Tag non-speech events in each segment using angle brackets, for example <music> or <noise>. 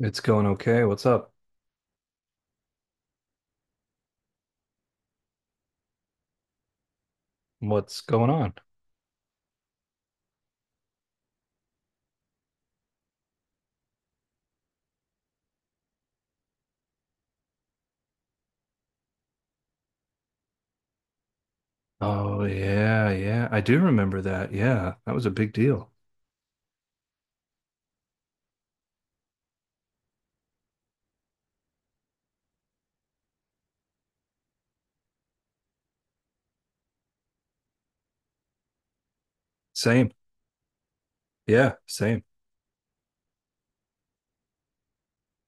It's going okay. What's up? What's going on? Oh, yeah, yeah. I do remember that. Yeah, that was a big deal. Same. Yeah, same.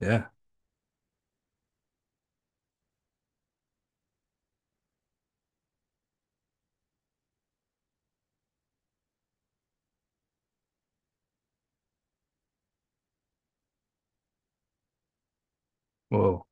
Yeah. Whoa.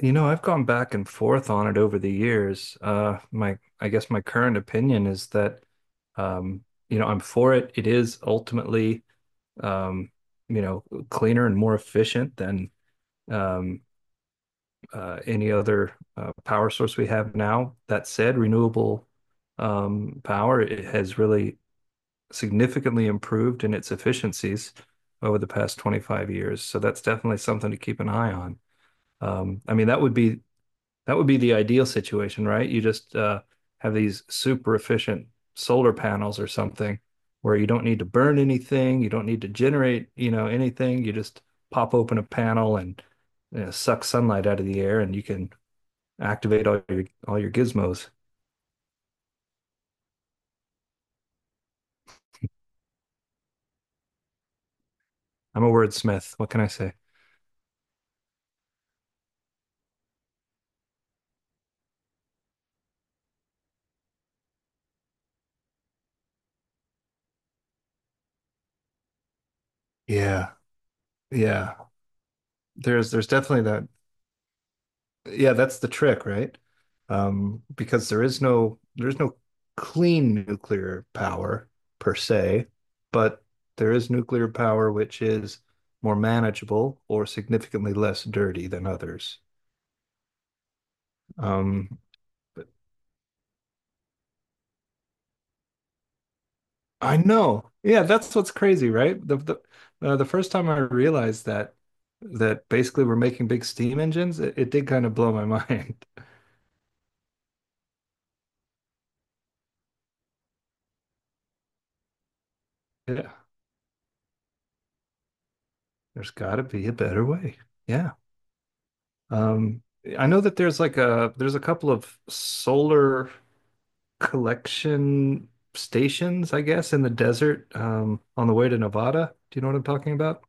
You know, I've gone back and forth on it over the years. I guess my current opinion is that, um, you know, I'm for it. It is ultimately, um, you know, cleaner and more efficient than, um, any other power source we have now. That said, renewable power it has really significantly improved in its efficiencies over the past 25 years. So that's definitely something to keep an eye on. I mean, that would be the ideal situation, right? You just have these super efficient solar panels or something where you don't need to burn anything, you don't need to generate, you know, anything. You just pop open a panel and you know, suck sunlight out of the air, and you can activate all your gizmos. I'm a wordsmith. What can I say? Yeah, yeah. There's definitely that. Yeah, that's the trick, right? Because there's no clean nuclear power per se, but there is nuclear power which is more manageable or significantly less dirty than others. Um, but I know. Yeah, that's what's crazy, right? The the first time I realized that that basically we're making big steam engines, it did kind of blow my <laughs> mind. Yeah, there's got to be a better way. Yeah. Um, I know that there's like a couple of solar collection stations, I guess, in the desert on the way to Nevada. Do you know what I'm talking about?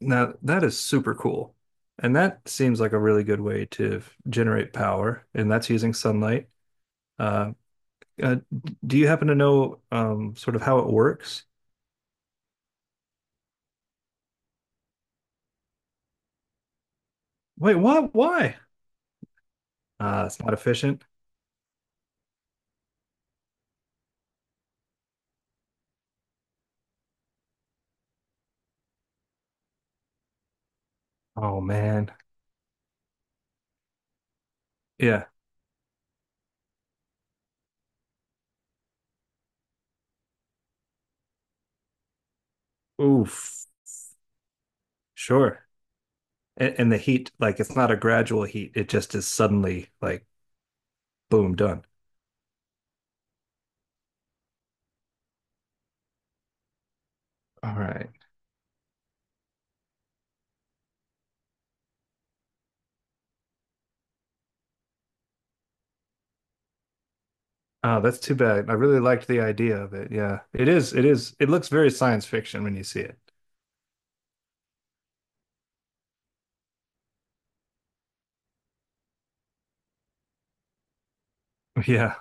Now, that is super cool. And that seems like a really good way to generate power, and that's using sunlight. Uh, uh, do you happen to know sort of how it works? Wait, what? Why? It's not efficient. Oh man. Yeah. Oof. Sure. And the heat, like it's not a gradual heat. It just is suddenly like boom, done. All right. Oh, that's too bad. I really liked the idea of it. Yeah. It is, it looks very science fiction when you see it. <laughs> Yeah.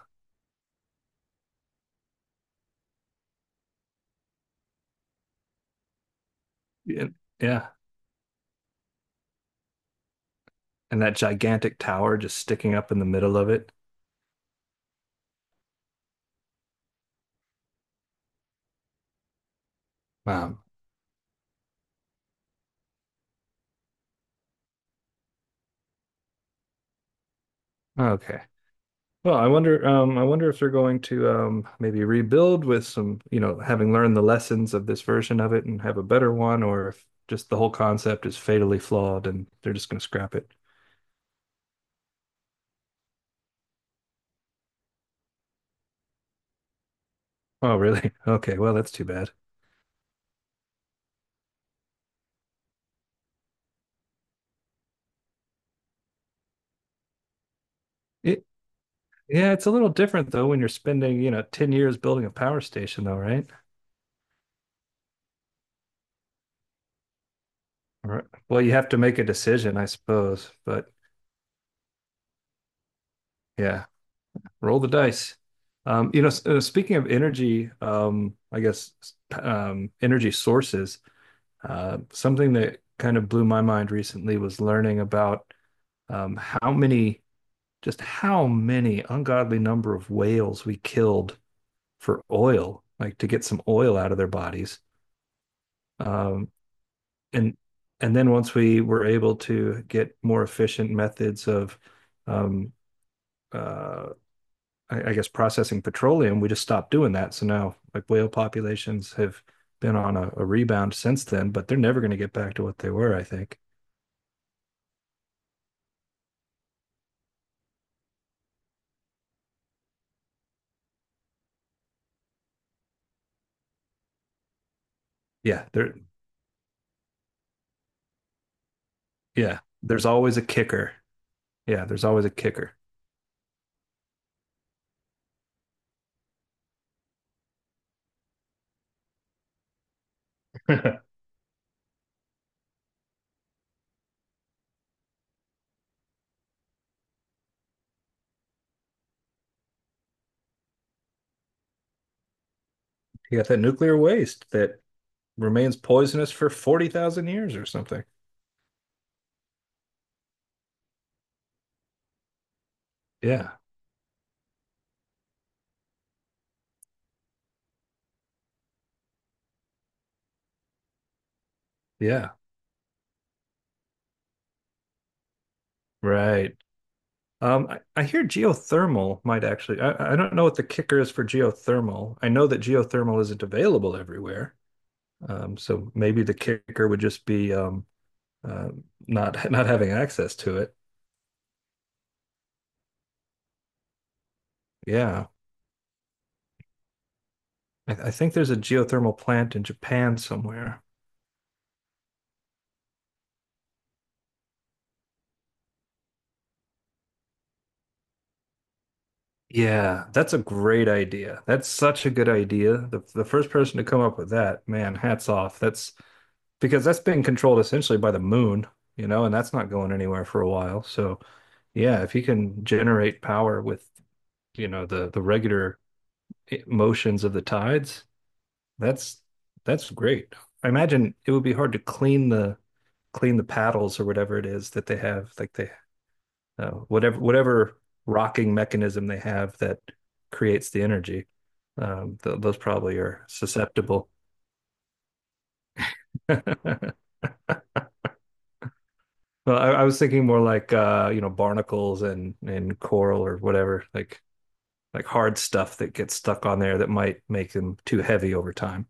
Yeah. Yeah. And that gigantic tower just sticking up in the middle of it. Wow. Okay. Well, I wonder if they're going to maybe rebuild with some, you know, having learned the lessons of this version of it and have a better one, or if just the whole concept is fatally flawed and they're just going to scrap it. Oh, really? <laughs> Okay, well, that's too bad. It, yeah, it's a little different though when you're spending, you know, 10 years building a power station though, right? All right. Well, you have to make a decision, I suppose, but yeah, roll the dice. You know, speaking of energy, I guess energy sources. Something that kind of blew my mind recently was learning about um, how many, just how many ungodly number of whales we killed for oil, like to get some oil out of their bodies. Um, and and then once we were able to get more efficient methods of, um, uh, I, I guess, processing petroleum, we just stopped doing that. So now, like whale populations have been on a rebound since then, but they're never going to get back to what they were, I think. Yeah, they're yeah, there's always a kicker. Yeah, there's always a kicker. <laughs> You got that nuclear waste that remains poisonous for 40,000 years or something. Yeah, yeah, right. I hear geothermal might actually, I don't know what the kicker is for geothermal. I know that geothermal isn't available everywhere. So maybe the kicker would just be uh, not <laughs> not having access to it. Yeah, I think there's a geothermal plant in Japan somewhere. Yeah, that's a great idea. That's such a good idea. The first person to come up with that, man, hats off. That's because that's being controlled essentially by the moon, you know, and that's not going anywhere for a while. So, yeah, if you can generate power with, you know, the regular motions of the tides, that's that's great. I imagine it would be hard to clean the paddles or whatever it is that they have. Like they whatever rocking mechanism they have that creates the energy. Th Those probably are susceptible. <laughs> Well, I was thinking more like you know, barnacles and coral or whatever, like hard stuff that gets stuck on there that might make them too heavy over time.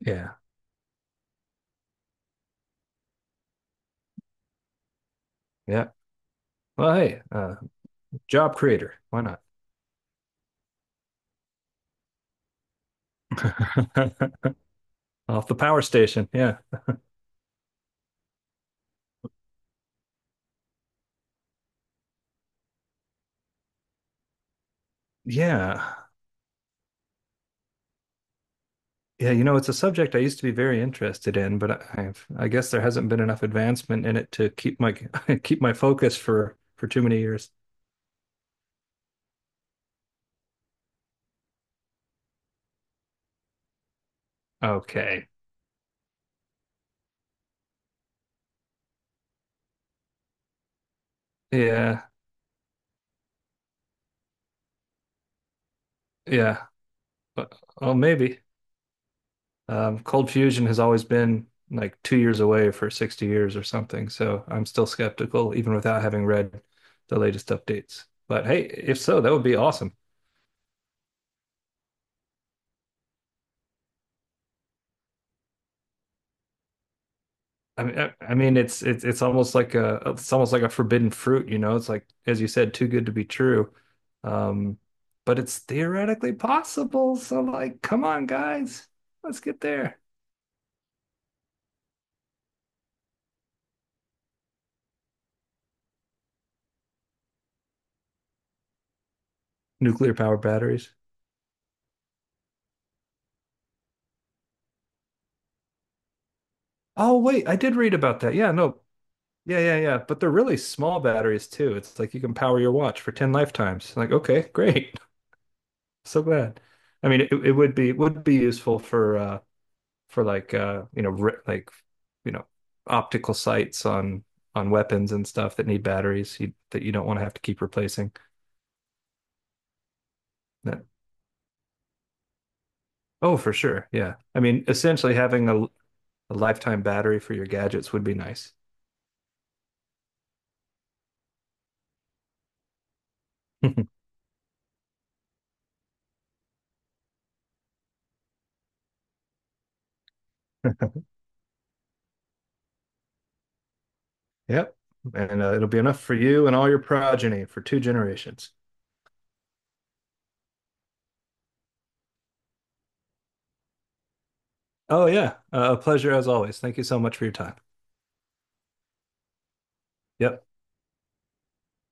Yeah. Yeah. Well, hey, job creator. Why not? <laughs> Off the power station. Yeah. Yeah. Yeah, you know, it's a subject I used to be very interested in, but I guess there hasn't been enough advancement in it to keep my <laughs> keep my focus for too many years. Okay. Yeah. Yeah. But, oh, maybe. Cold fusion has always been like 2 years away for 60 years or something, so I'm still skeptical even without having read the latest updates. But hey, if so, that would be awesome. I mean, it's almost like a forbidden fruit, you know. It's like, as you said, too good to be true. Um, but it's theoretically possible. So, like, come on, guys, let's get there. Nuclear power batteries. Oh, wait, I did read about that. Yeah, no, yeah, yeah, yeah. But they're really small batteries too. It's like you can power your watch for 10 lifetimes. Like, okay, great. <laughs> So glad. It would be useful for like you know ri like you know optical sights on weapons and stuff that need batteries you, that you don't want to have to keep replacing. That, oh, for sure. Yeah. I mean, essentially having a lifetime battery for your gadgets would be nice. <laughs> Yep. And it'll be enough for you and all your progeny for 2 generations. Oh, yeah. A pleasure as always. Thank you so much for your time. Yep.